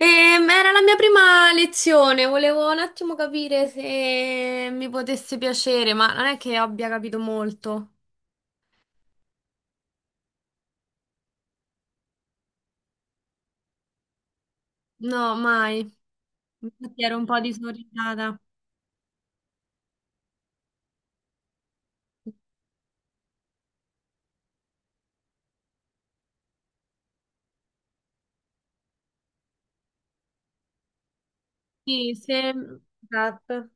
Era la mia prima lezione, volevo un attimo capire se mi potesse piacere, ma non è che abbia capito molto. No, mai. Infatti ero un po' disorientata. Sì, se... Esatto.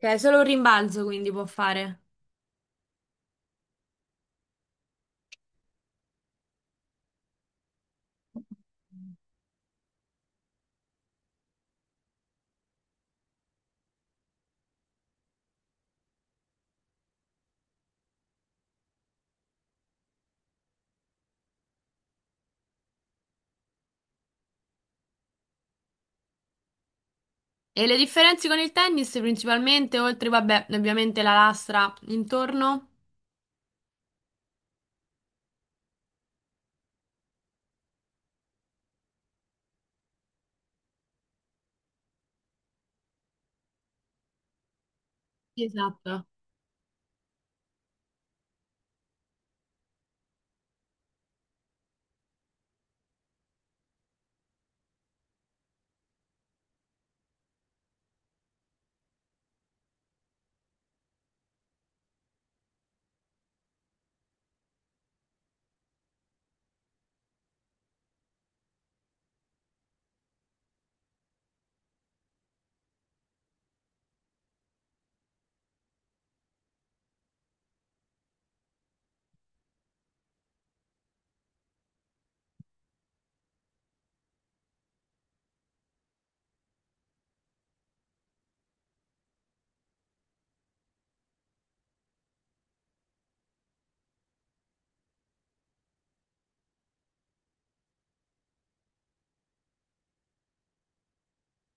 Ok, solo un rimbalzo quindi può fare. E le differenze con il tennis principalmente, oltre, vabbè, ovviamente la lastra intorno? Esatto.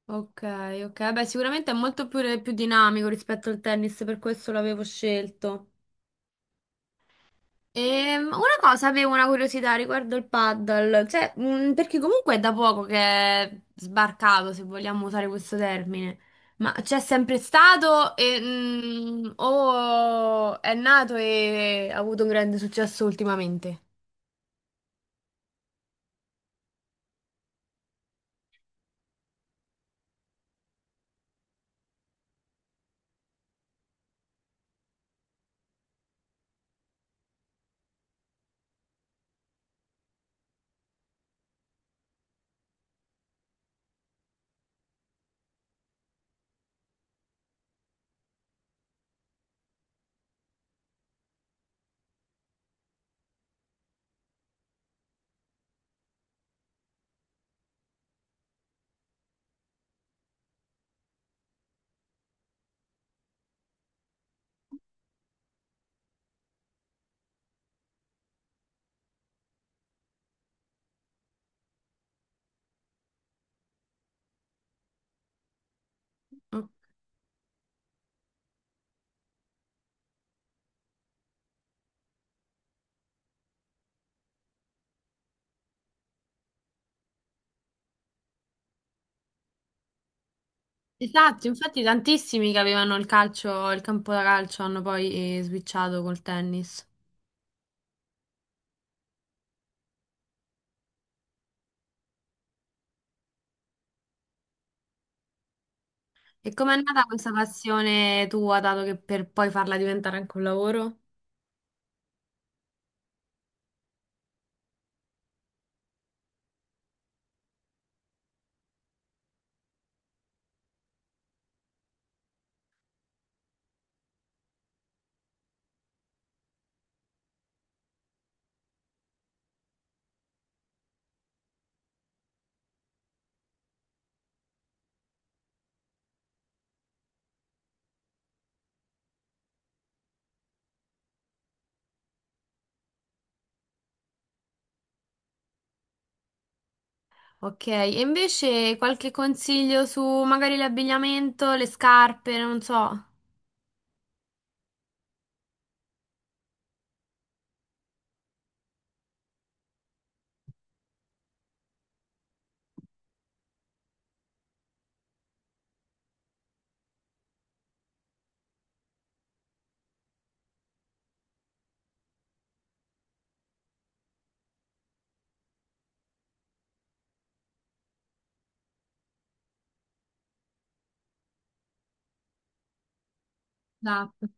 Ok, ok. Beh, sicuramente è molto più dinamico rispetto al tennis, per questo l'avevo scelto. Una cosa, avevo una curiosità riguardo il paddle, cioè, perché comunque è da poco che è sbarcato, se vogliamo usare questo termine, ma c'è sempre stato e, o è nato e ha avuto un grande successo ultimamente? Esatto, infatti tantissimi che avevano il calcio, il campo da calcio hanno poi switchato col tennis. E com'è nata questa passione tua, dato che per poi farla diventare anche un lavoro? Ok, e invece qualche consiglio su magari l'abbigliamento, le scarpe, non so. Esatto.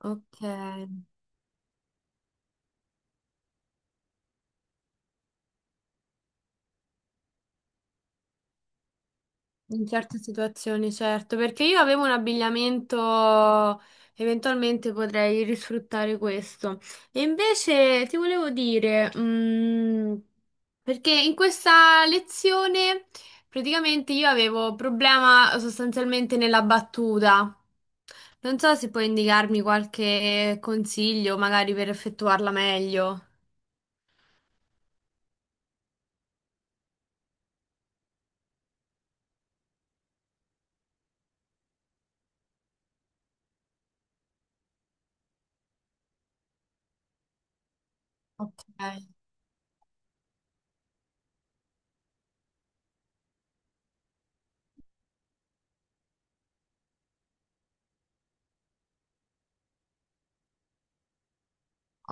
Ok. In certe situazioni, certo, perché io avevo un abbigliamento, eventualmente potrei risfruttare questo. E invece ti volevo dire, perché in questa lezione praticamente io avevo problema sostanzialmente nella battuta. Non so se puoi indicarmi qualche consiglio, magari per effettuarla meglio. Ok.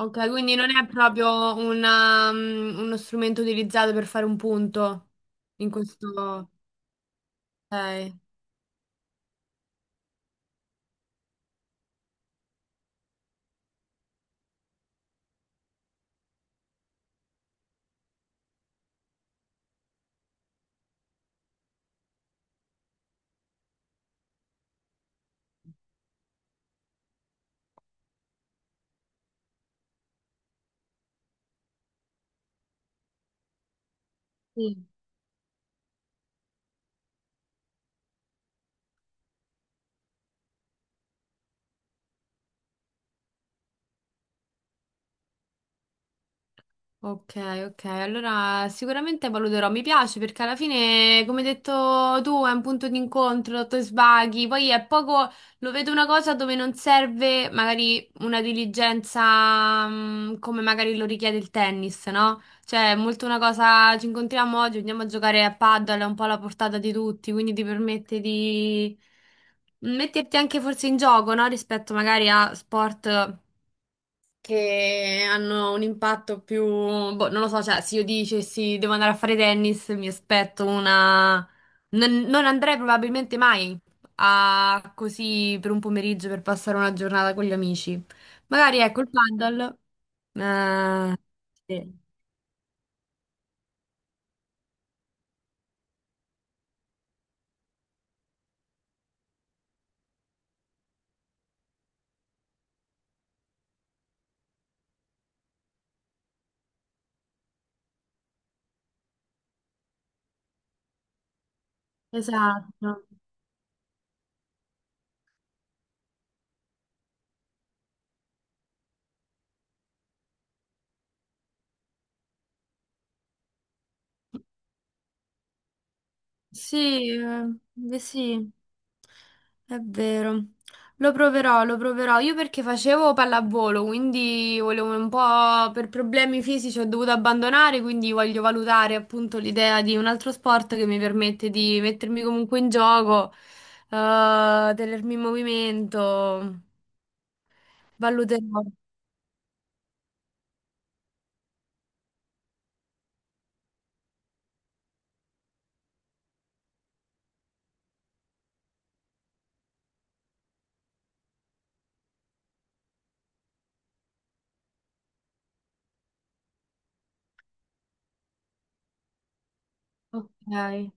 Ok, quindi non è proprio una, uno strumento utilizzato per fare un punto in questo... Ok. Sì. Ok, ok, allora sicuramente valuterò, mi piace perché alla fine, come hai detto tu, è un punto di incontro, ti sbaghi, poi è poco, lo vedo una cosa dove non serve magari una diligenza come magari lo richiede il tennis, no? Cioè è molto una cosa, ci incontriamo oggi, andiamo a giocare a paddle, è un po' alla portata di tutti, quindi ti permette di metterti anche forse in gioco, no? Rispetto magari a sport che hanno un impatto più, boh, non lo so, cioè se io dicessi devo andare a fare tennis, mi aspetto una... Non, non andrei probabilmente mai a così per un pomeriggio per passare una giornata con gli amici. Magari ecco il paddle. Eh, sì, esatto. Sì, eh sì, è vero. Lo proverò, lo proverò. Io perché facevo pallavolo, quindi volevo un po' per problemi fisici ho dovuto abbandonare, quindi voglio valutare appunto l'idea di un altro sport che mi permette di mettermi comunque in gioco, tenermi in movimento. Valuterò. Ok.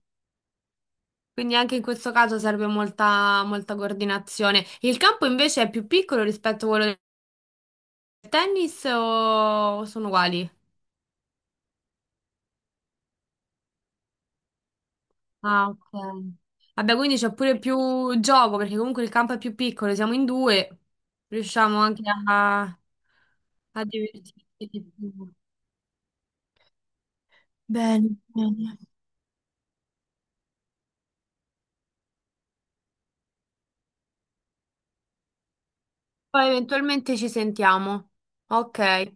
Quindi anche in questo caso serve molta, molta coordinazione. Il campo invece è più piccolo rispetto a quello. Tennis o sono uguali? Ah, ok. Vabbè, quindi c'è pure più gioco perché comunque il campo è più piccolo, siamo in due, riusciamo anche a, a divertirci di più. Bene, bene. Poi eventualmente ci sentiamo. Ok.